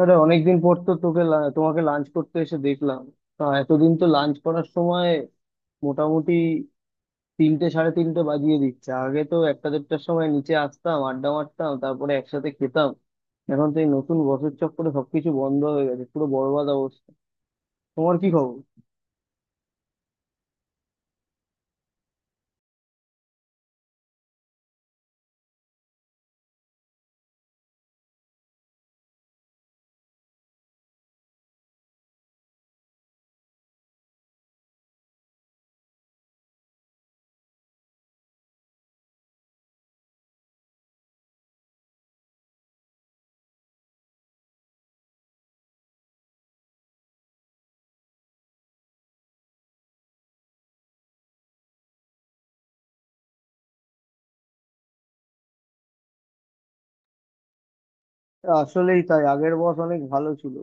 আরে অনেকদিন পর তো তোমাকে লাঞ্চ করতে এসে দেখলাম। এতদিন তো লাঞ্চ করার সময় মোটামুটি তিনটে সাড়ে তিনটে বাজিয়ে দিচ্ছে। আগে তো একটা দেড়টার সময় নিচে আসতাম, আড্ডা মারতাম, তারপরে একসাথে খেতাম। এখন তো এই নতুন বছর চক্করে সবকিছু বন্ধ হয়ে গেছে, পুরো বরবাদ অবস্থা। তোমার কি খবর? আসলেই তাই, আগের বস অনেক ভালো ছিল।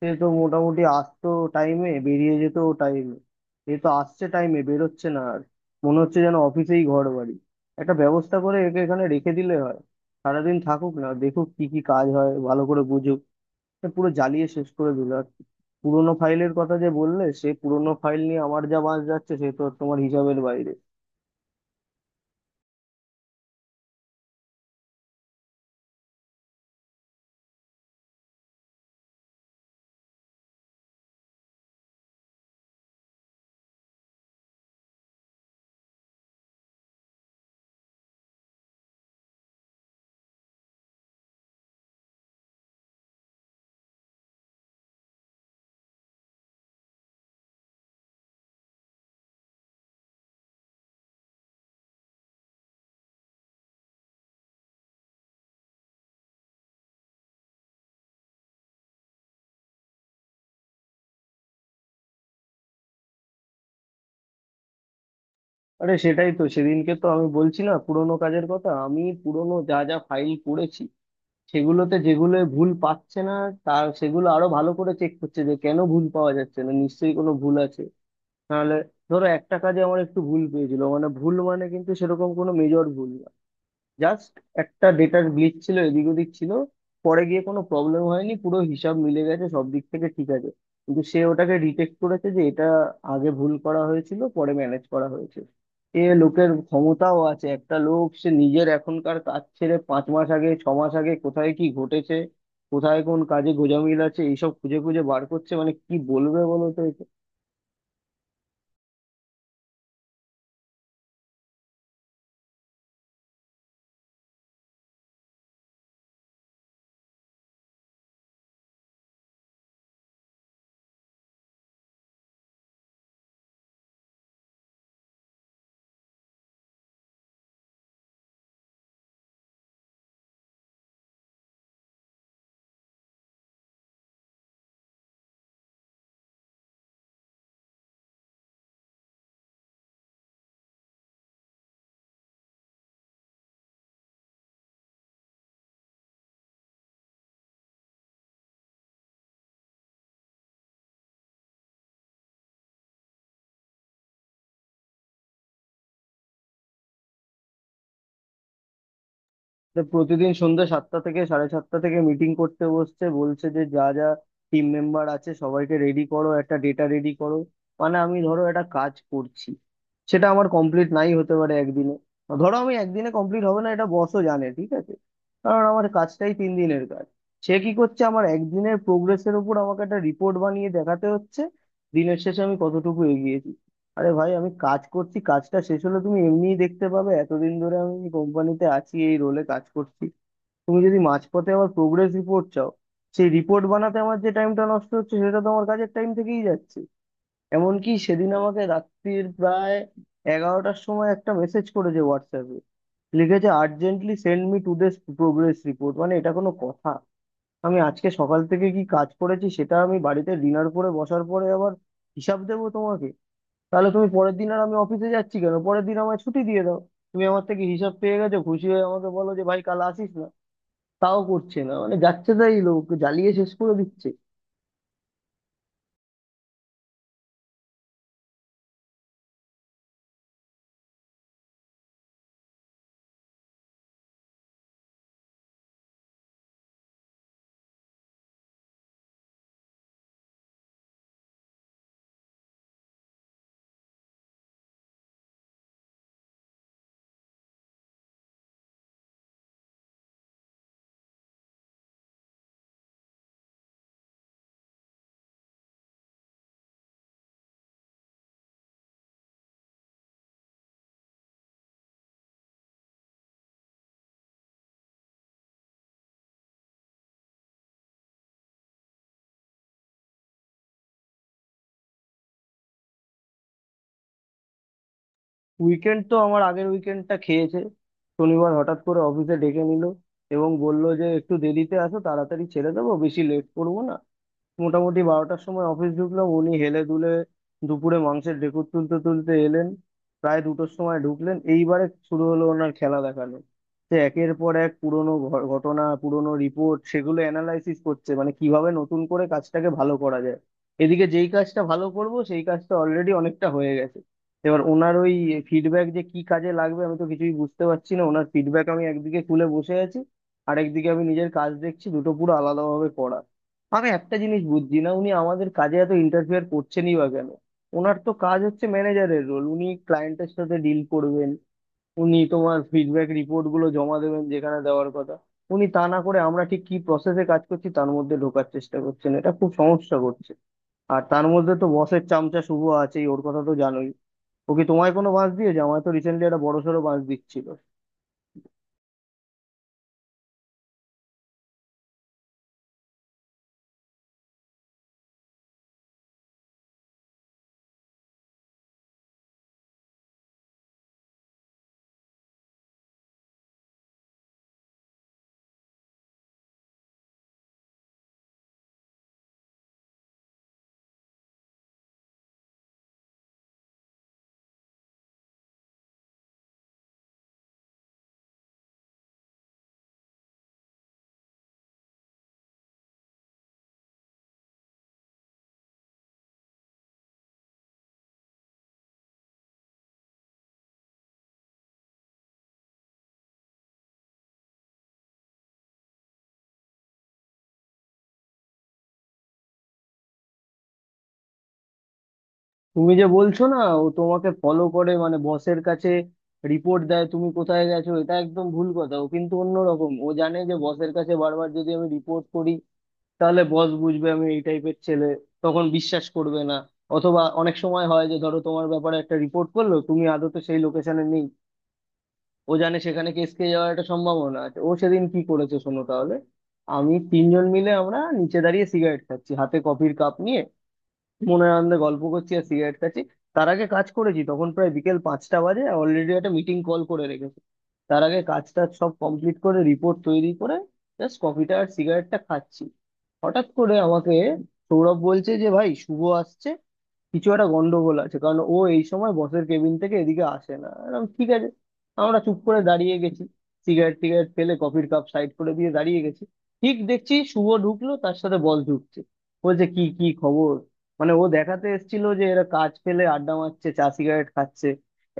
সে তো মোটামুটি আসতো টাইমে, বেরিয়ে যেত টাইমে। এ তো আসছে টাইমে, বেরোচ্ছে না আর। মনে হচ্ছে যেন অফিসেই ঘর বাড়ি। একটা ব্যবস্থা করে একে এখানে রেখে দিলে হয়। সারাদিন থাকুক, না দেখুক কি কি কাজ হয়, ভালো করে বুঝুক। এ পুরো জ্বালিয়ে শেষ করে দিল আর কি। পুরোনো ফাইলের কথা যে বললে, সে পুরোনো ফাইল নিয়ে আমার যা বাঁশ যাচ্ছে সে তো তোমার হিসাবের বাইরে। আরে সেটাই তো, সেদিনকে তো আমি বলছি না পুরোনো কাজের কথা। আমি পুরোনো যা যা ফাইল করেছি, সেগুলোতে যেগুলো ভুল পাচ্ছে না, তার সেগুলো আরো ভালো করে চেক করছে, যে কেন ভুল পাওয়া যাচ্ছে না, নিশ্চয়ই কোনো ভুল আছে। নাহলে ধরো একটা কাজে আমার একটু ভুল পেয়েছিল, মানে ভুল মানে কিন্তু সেরকম কোনো মেজর ভুল না। জাস্ট একটা ডেটার গ্লিচ ছিল, এদিক ওদিক ছিল। পরে গিয়ে কোনো প্রবলেম হয়নি, পুরো হিসাব মিলে গেছে, সব দিক থেকে ঠিক আছে। কিন্তু সে ওটাকে ডিটেক্ট করেছে যে এটা আগে ভুল করা হয়েছিল, পরে ম্যানেজ করা হয়েছে। এ লোকের ক্ষমতাও আছে, একটা লোক সে নিজের এখনকার কাজ ছেড়ে 5 মাস আগে 6 মাস আগে কোথায় কি ঘটেছে, কোথায় কোন কাজে গোঁজামিল আছে, এইসব খুঁজে খুঁজে বার করছে, মানে কি বলবে বলো তো একে? তো প্রতিদিন সন্ধ্যা সাতটা থেকে সাড়ে সাতটা থেকে মিটিং করতে বসছে, বলছে যে যা যা টিম মেম্বার আছে সবাইকে রেডি করো, একটা ডেটা রেডি করো। মানে আমি ধরো একটা কাজ করছি, সেটা আমার কমপ্লিট নাই হতে পারে একদিনে। ধরো আমি একদিনে কমপ্লিট হবে না, এটা বসও জানে ঠিক আছে, কারণ আমার কাজটাই 3 দিনের কাজ। সে কি করছে, আমার একদিনের প্রোগ্রেসের উপর আমাকে একটা রিপোর্ট বানিয়ে দেখাতে হচ্ছে দিনের শেষে আমি কতটুকু এগিয়েছি। আরে ভাই আমি কাজ করছি, কাজটা শেষ হলে তুমি এমনিই দেখতে পাবে। এতদিন ধরে আমি কোম্পানিতে আছি, এই রোলে কাজ করছি। তুমি যদি মাঝপথে আবার প্রোগ্রেস রিপোর্ট চাও, সেই রিপোর্ট বানাতে আমার যে টাইমটা নষ্ট হচ্ছে, সেটা তো আমার কাজের টাইম থেকেই যাচ্ছে। এমনকি সেদিন আমাকে রাত্রির প্রায় এগারোটার সময় একটা মেসেজ করেছে হোয়াটসঅ্যাপে, লিখেছে urgently send me to this progress report. মানে এটা কোনো কথা? আমি আজকে সকাল থেকে কি কাজ করেছি সেটা আমি বাড়িতে ডিনার করে বসার পরে আবার হিসাব দেবো তোমাকে? তাহলে তুমি পরের দিন আর আমি অফিসে যাচ্ছি কেন, পরের দিন আমায় ছুটি দিয়ে দাও। তুমি আমার থেকে হিসাব পেয়ে গেছো, খুশি হয়ে আমাকে বলো যে ভাই কাল আসিস না। তাও করছে না, মানে যাচ্ছে তাই লোক জ্বালিয়ে শেষ করে দিচ্ছে। উইকেন্ড তো আমার আগের উইকেন্ডটা খেয়েছে। শনিবার হঠাৎ করে অফিসে ডেকে নিল এবং বলল যে একটু দেরিতে আসো, তাড়াতাড়ি ছেড়ে দেবো, বেশি লেট করবো না। মোটামুটি বারোটার সময় অফিস ঢুকলাম, উনি হেলে দুলে দুপুরে মাংসের ঢেকুর তুলতে তুলতে এলেন প্রায় দুটোর সময় ঢুকলেন। এইবারে শুরু হলো ওনার খেলা দেখানো। সে একের পর এক পুরনো ঘটনা পুরনো রিপোর্ট সেগুলো অ্যানালাইসিস করছে, মানে কিভাবে নতুন করে কাজটাকে ভালো করা যায়। এদিকে যেই কাজটা ভালো করব সেই কাজটা অলরেডি অনেকটা হয়ে গেছে। এবার ওনার ওই ফিডব্যাক যে কি কাজে লাগবে আমি তো কিছুই বুঝতে পারছি না। ওনার ফিডব্যাক আমি একদিকে খুলে বসে আছি, আরেকদিকে আমি নিজের কাজ দেখছি, দুটো পুরো আলাদাভাবে করা। আমি একটা জিনিস বুঝছি না, উনি আমাদের কাজে এত ইন্টারফিয়ার করছেনই বা কেন। ওনার তো কাজ হচ্ছে ম্যানেজারের রোল, উনি ক্লায়েন্টের সাথে ডিল করবেন, উনি তোমার ফিডব্যাক রিপোর্ট গুলো জমা দেবেন যেখানে দেওয়ার কথা। উনি তা না করে আমরা ঠিক কি প্রসেসে কাজ করছি তার মধ্যে ঢোকার চেষ্টা করছেন, এটা খুব সমস্যা করছে। আর তার মধ্যে তো বসের চামচা শুভ আছেই, ওর কথা তো জানোই। ও কি তোমায় কোনো বাঁশ দিয়েছে? আমায় তো রিসেন্টলি একটা বড়সড় বাঁশ দিচ্ছিল। তুমি যে বলছো না ও তোমাকে ফলো করে মানে বসের কাছে রিপোর্ট দেয় তুমি কোথায় গেছো, এটা একদম ভুল কথা। ও কিন্তু অন্যরকম, ও জানে যে বসের কাছে বারবার যদি আমি রিপোর্ট করি, তাহলে বস বুঝবে আমি এই টাইপের ছেলে, তখন বিশ্বাস করবে না। অথবা অনেক সময় হয় যে ধরো তোমার ব্যাপারে একটা রিপোর্ট করলো, তুমি আদতে সেই লোকেশনে নেই, ও জানে সেখানে কেস খেয়ে যাওয়ার একটা সম্ভাবনা আছে। ও সেদিন কি করেছে শোনো তাহলে। আমি তিনজন মিলে আমরা নিচে দাঁড়িয়ে সিগারেট খাচ্ছি হাতে কফির কাপ নিয়ে, মনে আনন্দে গল্প করছি আর সিগারেট খাচ্ছি। তার আগে কাজ করেছি, তখন প্রায় বিকেল পাঁচটা বাজে, অলরেডি একটা মিটিং কল করে রেখেছি তার আগে, কাজটা সব কমপ্লিট করে রিপোর্ট তৈরি করে জাস্ট কফিটা আর সিগারেটটা খাচ্ছি। হঠাৎ করে আমাকে সৌরভ বলছে যে ভাই শুভ আসছে, কিছু একটা গন্ডগোল আছে, কারণ ও এই সময় বসের কেবিন থেকে এদিকে আসে না এরকম, ঠিক আছে। আমরা চুপ করে দাঁড়িয়ে গেছি, সিগারেট টিগারেট ফেলে কফির কাপ সাইড করে দিয়ে দাঁড়িয়ে গেছি। ঠিক দেখছি শুভ ঢুকলো, তার সাথে বল ঢুকছে, বলছে কি কি খবর। মানে ও দেখাতে এসেছিল যে এরা কাজ ফেলে আড্ডা মারছে, চা সিগারেট খাচ্ছে।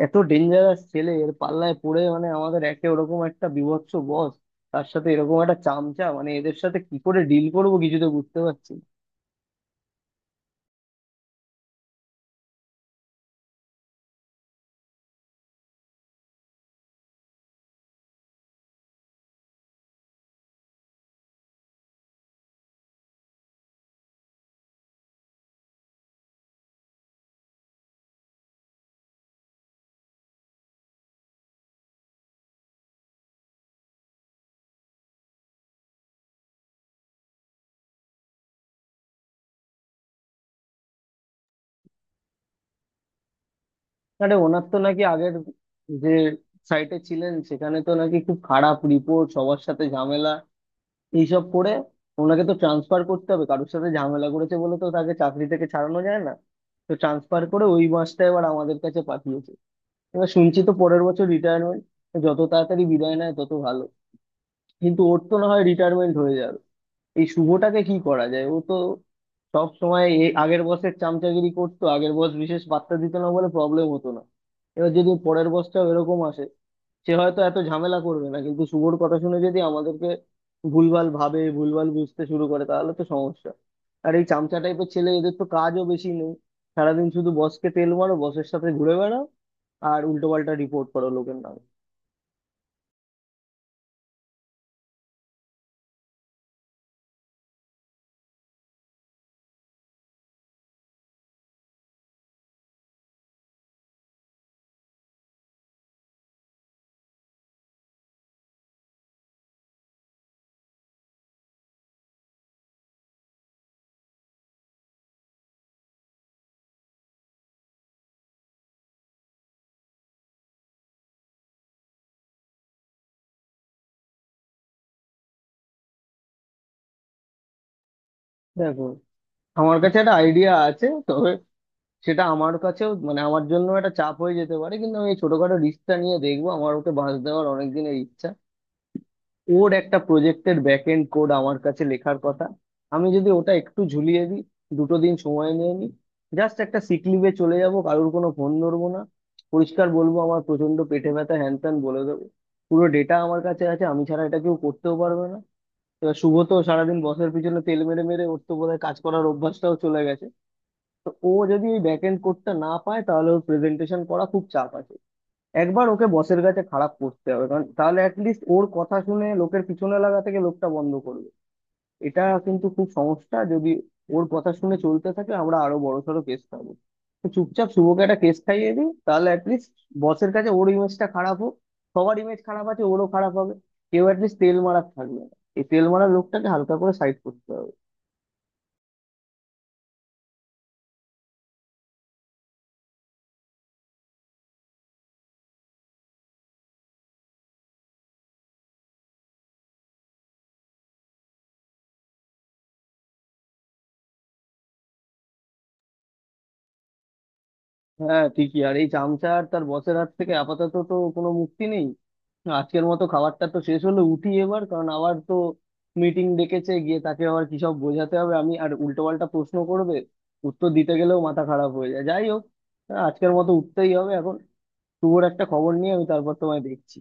এত ডেঞ্জারাস ছেলে এর পাল্লায় পড়ে, মানে আমাদের একে ওরকম একটা বীভৎস বস, তার সাথে এরকম একটা চামচা, মানে এদের সাথে কি করে ডিল করবো কিছু তো বুঝতে পারছি না। আরে ওনার তো নাকি আগের যে সাইটে ছিলেন সেখানে তো নাকি খুব খারাপ রিপোর্ট, সবার সাথে ঝামেলা এইসব করে। ওনাকে তো ট্রান্সফার করতে হবে, কারোর সাথে ঝামেলা করেছে বলে তো তাকে চাকরি থেকে ছাড়ানো যায় না। তো ট্রান্সফার করে ওই মাসটা এবার আমাদের কাছে পাঠিয়েছে। এবার শুনছি তো পরের বছর রিটায়ারমেন্ট, যত তাড়াতাড়ি বিদায় নেয় তত ভালো। কিন্তু ওর তো না হয় রিটায়ারমেন্ট হয়ে যাবে, এই শুভটাকে কি করা যায়? ও তো সব সময় এই আগের বসের চামচাগিরি করতো, আগের বস বিশেষ পাত্তা দিত না বলে প্রবলেম হতো না। এবার যদি পরের বসটাও এরকম আসে, সে হয়তো এত ঝামেলা করবে না, কিন্তু শুভর কথা শুনে যদি আমাদেরকে ভুলভাল ভাবে ভুলভাল বুঝতে শুরু করে তাহলে তো সমস্যা। আর এই চামচা টাইপের ছেলে, এদের তো কাজও বেশি নেই। সারাদিন শুধু বসকে তেল মারো, বসের সাথে ঘুরে বেড়াও, আর উল্টো পাল্টা রিপোর্ট করো লোকের নামে। দেখো, আমার কাছে একটা আইডিয়া আছে, তবে সেটা আমার কাছেও মানে আমার জন্য একটা চাপ হয়ে যেতে পারে, কিন্তু আমি এই ছোটখাটো রিস্কটা নিয়ে দেখবো, আমার ওকে বাঁশ দেওয়ার অনেক দিনের ইচ্ছা। ওর একটা প্রজেক্টের ব্যাক এন্ড কোড আমার কাছে লেখার কথা, আমি যদি ওটা একটু ঝুলিয়ে দিই, দুটো দিন সময় নিয়ে নিই, জাস্ট একটা সিক লিভে চলে যাব, কারোর কোনো ফোন ধরবো না, পরিষ্কার বলবো আমার প্রচন্ড পেটে ব্যথা হ্যান ত্যান বলে দেবো। পুরো ডেটা আমার কাছে আছে, আমি ছাড়া এটা কেউ করতেও পারবে না। এবার শুভ তো সারাদিন বসের পিছনে তেল মেরে মেরে ওর তো বোধহয় কাজ করার অভ্যাসটাও চলে গেছে। তো ও যদি এই ব্যাক এন্ড কোডটা না পায় তাহলে ওর প্রেজেন্টেশন করা খুব চাপ আছে। একবার ওকে বসের কাছে খারাপ করতে হবে, কারণ তাহলে অ্যাটলিস্ট ওর কথা শুনে লোকের পিছনে লাগা থেকে লোকটা বন্ধ করবে। এটা কিন্তু খুব সমস্যা, যদি ওর কথা শুনে চলতে থাকে আমরা আরো বড়সড় কেস পাবো। তো চুপচাপ শুভকে একটা কেস খাইয়ে দিই, তাহলে অ্যাটলিস্ট বসের কাছে ওর ইমেজটা খারাপ হোক। সবার ইমেজ খারাপ আছে, ওরও খারাপ হবে, কেউ অ্যাটলিস্ট তেল মারার থাকবে না। এই তেল মারার লোকটাকে হালকা করে সাইড করতে হবে। হ্যাঁ ঠিকই, আর এই চামচা আর তার বসের হাত থেকে আপাতত তো কোনো মুক্তি নেই। আজকের মতো খাবারটা তো শেষ হলো, উঠি এবার, কারণ আবার তো মিটিং ডেকেছে, গিয়ে তাকে আবার কি সব বোঝাতে হবে, আমি আর উল্টো পাল্টা প্রশ্ন করবে, উত্তর দিতে গেলেও মাথা খারাপ হয়ে যায়। যাই হোক, আজকের মতো উঠতেই হবে এখন। শুভর একটা খবর নিয়ে আমি তারপর তোমায় দেখছি।